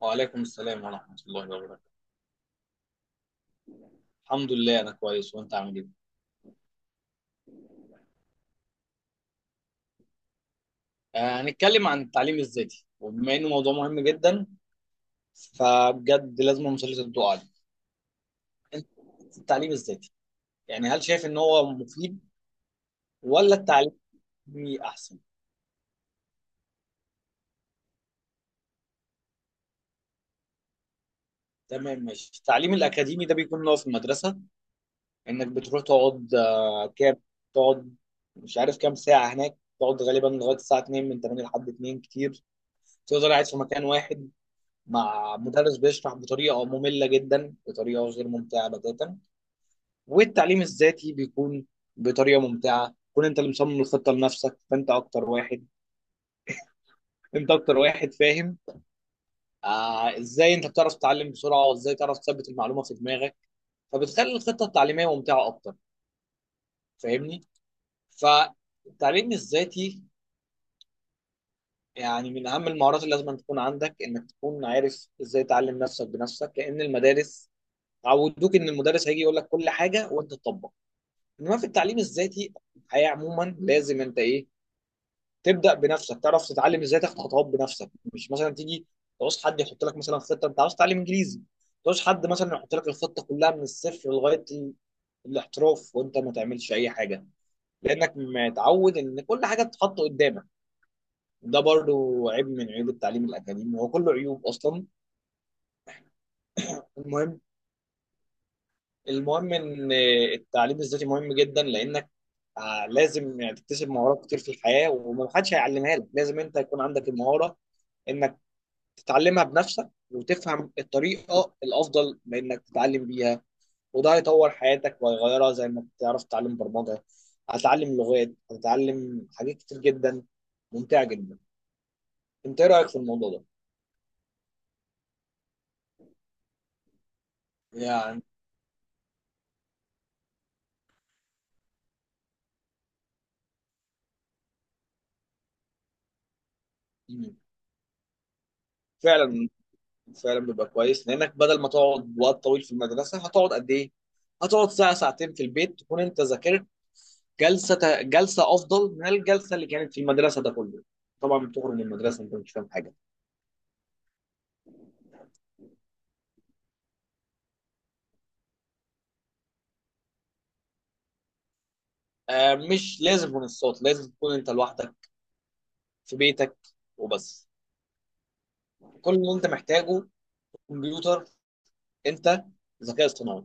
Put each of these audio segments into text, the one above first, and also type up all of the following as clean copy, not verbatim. وعليكم السلام ورحمة الله وبركاته. الحمد لله أنا كويس وأنت عامل إيه؟ هنتكلم عن التعليم الذاتي، وبما إنه موضوع مهم جدا فبجد لازم مسلسل الضوء عليه. أنت التعليم الذاتي يعني هل شايف إن هو مفيد، ولا التعليم الأكاديمي أحسن؟ تمام ماشي. التعليم الأكاديمي ده بيكون اللي هو في المدرسة، إنك بتروح تقعد كام تقعد، مش عارف كام ساعة هناك، تقعد غالبا لغاية الساعة 2، من 8 لحد 2 كتير، تفضل قاعد في مكان واحد مع مدرس بيشرح بطريقه ممله جدا، بطريقه غير ممتعه بتاتا. والتعليم الذاتي بيكون بطريقه ممتعه، كون انت اللي مصمم الخطه لنفسك، فانت اكتر واحد فاهم آه ازاي انت بتعرف تتعلم بسرعه، وازاي تعرف تثبت المعلومه في دماغك، فبتخلي الخطه التعليميه ممتعه اكتر. فاهمني؟ فالتعليم الذاتي يعني من اهم المهارات اللي لازم تكون عندك، انك تكون عارف ازاي تعلم نفسك بنفسك، لان المدارس عودوك ان المدرس هيجي يقول لك كل حاجه وانت تطبق. انما في التعليم الذاتي، الحياه عموما، لازم انت ايه، تبدا بنفسك تعرف تتعلم ازاي، تاخد خطوات بنفسك، مش مثلا تيجي تعوز حد يحط لك مثلا خطه. انت عاوز تتعلم انجليزي، تعوز حد مثلا يحط لك الخطه كلها من الصفر لغايه الاحتراف، وانت ما تعملش اي حاجه، لانك متعود ان كل حاجه تتحط قدامك. ده برضو عيب من عيوب التعليم الاكاديمي، هو كله عيوب اصلا. المهم المهم ان التعليم الذاتي مهم جدا، لانك آه لازم يعني تكتسب مهارات كتير في الحياة، ومحدش هيعلمها لك. لازم انت يكون عندك المهارة انك تتعلمها بنفسك، وتفهم الطريقة الافضل بانك تتعلم بيها. وده هيطور حياتك وهيغيرها، زي انك تعرف تتعلم برمجة، هتتعلم لغات، هتتعلم حاجات كتير جدا ممتعة جدا. انت ايه رأيك في الموضوع ده؟ يعني فعلا، فعلا بيبقى كويس لانك بدل ما تقعد وقت طويل في المدرسة، هتقعد قد ايه؟ هتقعد ساعة ساعتين في البيت، تكون انت ذاكرت جلسه جلسه افضل من الجلسه اللي كانت في المدرسه. ده كله طبعا بتخرج من المدرسه انت مش فاهم حاجه. آه مش لازم منصات، لازم تكون انت لوحدك في بيتك وبس. كل اللي انت محتاجه كمبيوتر، انت، ذكاء اصطناعي،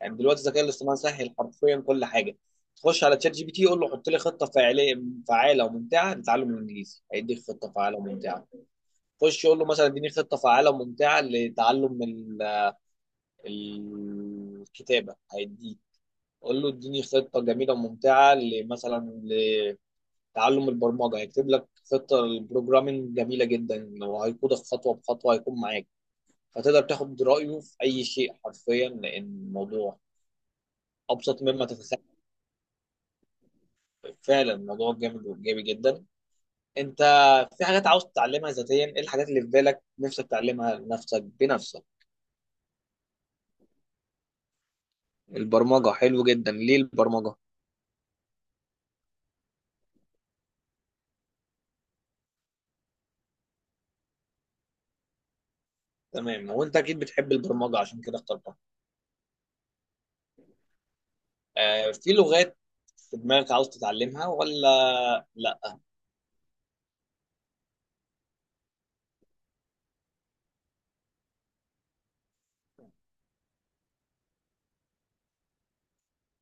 يعني دلوقتي الذكاء الاصطناعي سهل، حرفيا كل حاجه. تخش على تشات جي بي تي قول له حط لي خطه فعاله وممتعه لتعلم الانجليزي، هيديك خطه فعاله وممتعه. خش قول له مثلا اديني خطه فعاله وممتعه لتعلم الكتابه، هيديك. قول له اديني خطه جميله وممتعه مثلا لتعلم البرمجه، هيكتب لك خطه للبروجرامينج جميله جدا، وهيقودك خطوه بخطوه، هيكون معاك. فتقدر تاخد رايه في اي شيء حرفيا، لان الموضوع ابسط مما تتخيل. فعلا الموضوع جامد وايجابي جدا. انت في حاجات عاوز تتعلمها ذاتيا؟ ايه الحاجات اللي في بالك نفسك تعلمها لنفسك بنفسك؟ البرمجه حلو جدا، ليه البرمجه؟ تمام، وانت اكيد بتحب البرمجه عشان كده اخترتها. في لغات في دماغك عاوز تتعلمها ولا لا؟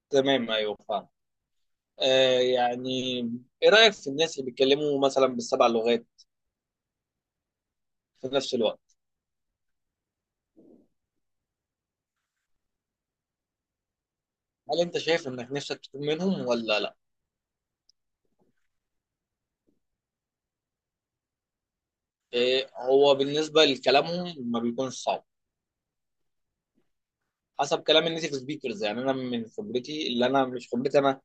تمام ايوه فاهم. يعني ايه رأيك في الناس اللي بيتكلموا مثلا بالسبع لغات في نفس الوقت؟ هل انت شايف انك نفسك تكون منهم ولا لا؟ هو بالنسبة لكلامهم ما بيكونش صعب، حسب كلام النيتيف سبيكرز. يعني انا من خبرتي، اللي انا مش خبرتي انا،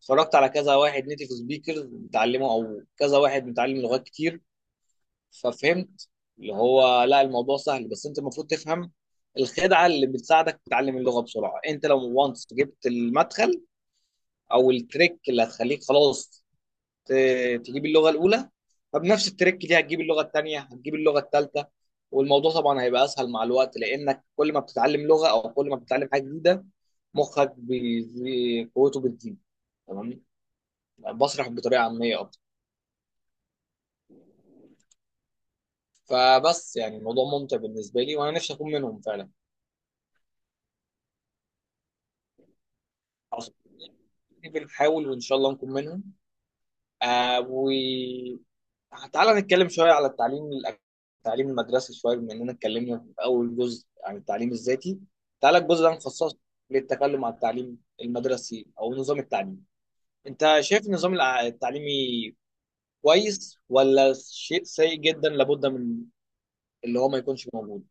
اتفرجت على كذا واحد نيتيف سبيكرز بيتعلموا، او كذا واحد متعلم لغات كتير، ففهمت اللي هو لا، الموضوع سهل، بس انت المفروض تفهم الخدعه اللي بتساعدك تتعلم اللغه بسرعه. انت لو وانس جبت المدخل او التريك اللي هتخليك خلاص تجيب اللغه الاولى، فبنفس التريك دي هتجيب اللغه الثانيه، هتجيب اللغه الثالثه. والموضوع طبعا هيبقى اسهل مع الوقت، لانك كل ما بتتعلم لغه، او كل ما بتتعلم حاجه جديده، مخك قوته بتزيد. تمام، بشرح بطريقه عاميه اكتر. فبس يعني الموضوع ممتع بالنسبه لي، وانا نفسي اكون منهم فعلا. بنحاول، وان شاء الله نكون منهم. آه وتعالى نتكلم شويه على التعليم المدرسي شويه، بما اننا اتكلمنا في اول جزء عن التعليم الذاتي. تعالى الجزء ده نخصصه للتكلم عن التعليم المدرسي او نظام التعليم. انت شايف النظام التعليمي كويس، ولا شيء سيء جدا لابد من اللي هو ما يكونش موجود؟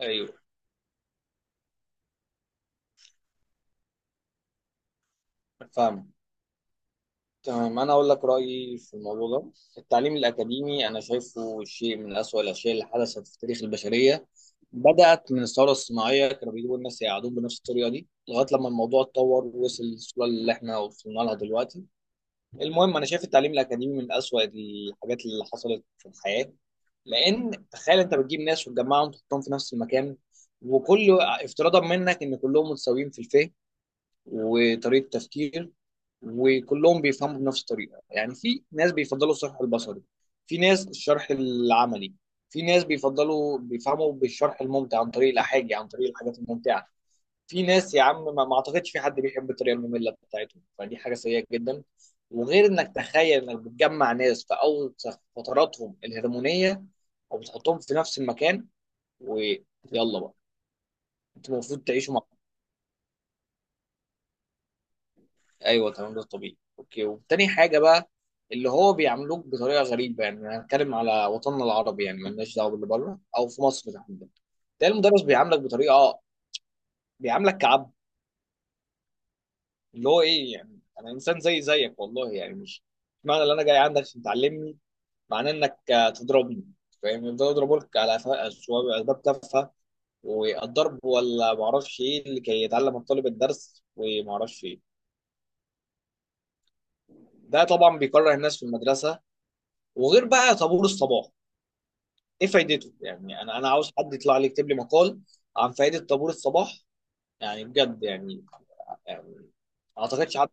ايوه فاهم تمام. انا اقول لك رايي في الموضوع ده. التعليم الاكاديمي انا شايفه شيء من اسوأ الاشياء اللي حدثت في تاريخ البشريه، بدات من الثوره الصناعيه، كانوا بيجيبوا الناس يقعدون بنفس الطريقه دي لغايه لما الموضوع اتطور ووصل للصوره اللي احنا وصلنا لها دلوقتي. المهم انا شايف التعليم الاكاديمي من اسوأ الحاجات اللي حصلت في الحياه. لان تخيل انت بتجيب ناس وتجمعهم وتحطهم في نفس المكان، وكل افتراضا منك ان كلهم متساويين في الفهم وطريقه تفكير، وكلهم بيفهموا بنفس الطريقه. يعني في ناس بيفضلوا الشرح البصري، في ناس الشرح العملي، في ناس بيفضلوا بيفهموا بالشرح الممتع عن طريق الاحاجي، عن طريق الحاجات الممتعه. في ناس يا عم ما اعتقدش في حد بيحب الطريقه الممله بتاعتهم. فدي حاجه سيئه جدا. وغير انك تخيل انك بتجمع ناس في اول فتراتهم الهرمونيه وبتحطهم في نفس المكان، ويلا بقى انتوا المفروض تعيشوا. ايوه تمام ده طبيعي، اوكي. وتاني حاجه بقى اللي هو بيعملوك بطريقه غريبه، يعني أنا هنتكلم على وطننا العربي، يعني مالناش دعوه باللي بره، او في مصر تحديدا، تلاقي المدرس بيعاملك بطريقه بيعاملك كعبد. اللي هو ايه يعني، انا انسان زي زيك، والله يعني مش معنى ان انا جاي عندك عشان تعلمني، معناه انك تضربني. فاهم، يفضلوا يضربوك على أسباب تافهه، والضرب، ولا معرفش ايه لكي يتعلم الطالب الدرس، ومعرفش ايه. ده طبعا بيكره الناس في المدرسه. وغير بقى طابور الصباح، ايه فايدته؟ يعني انا عاوز حد يطلع لي يكتب لي مقال عن فائده طابور الصباح. يعني بجد يعني. يعني ما اعتقدش حد.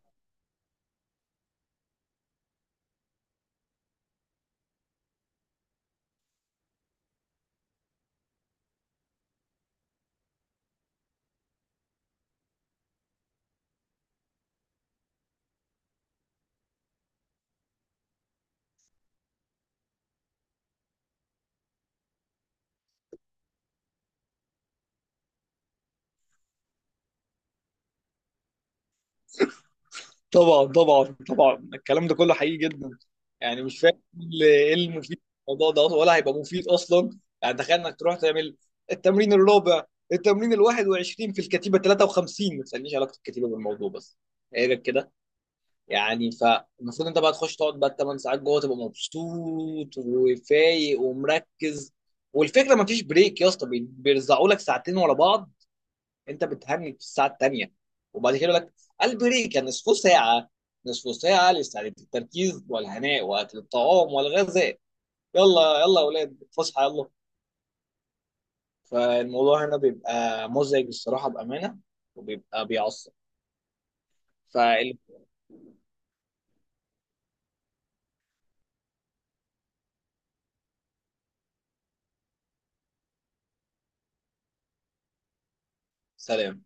طبعا طبعا طبعا الكلام ده كله حقيقي جدا. يعني مش فاهم ايه المفيد في الموضوع ده أصلاً، ولا هيبقى مفيد اصلا. يعني تخيل انك تروح تعمل التمرين الرابع، التمرين ال 21 في الكتيبه 53، ما تسالنيش علاقه الكتيبه بالموضوع بس ايه ده كده. يعني فالمفروض انت بقى تخش تقعد بقى 8 ساعات جوه تبقى مبسوط وفايق ومركز. والفكره ما فيش بريك يا اسطى، بيرزعوا لك ساعتين ورا بعض، انت بتهنج في الساعه الثانيه، وبعد كده يقول لك البريك يعني نصف ساعه. نصف ساعه لاستعاده التركيز والهناء واكل الطعام والغذاء، يلا يلا يا اولاد فسحه يلا. فالموضوع هنا بيبقى مزعج الصراحه بامانه، وبيبقى بيعصب. فسلام.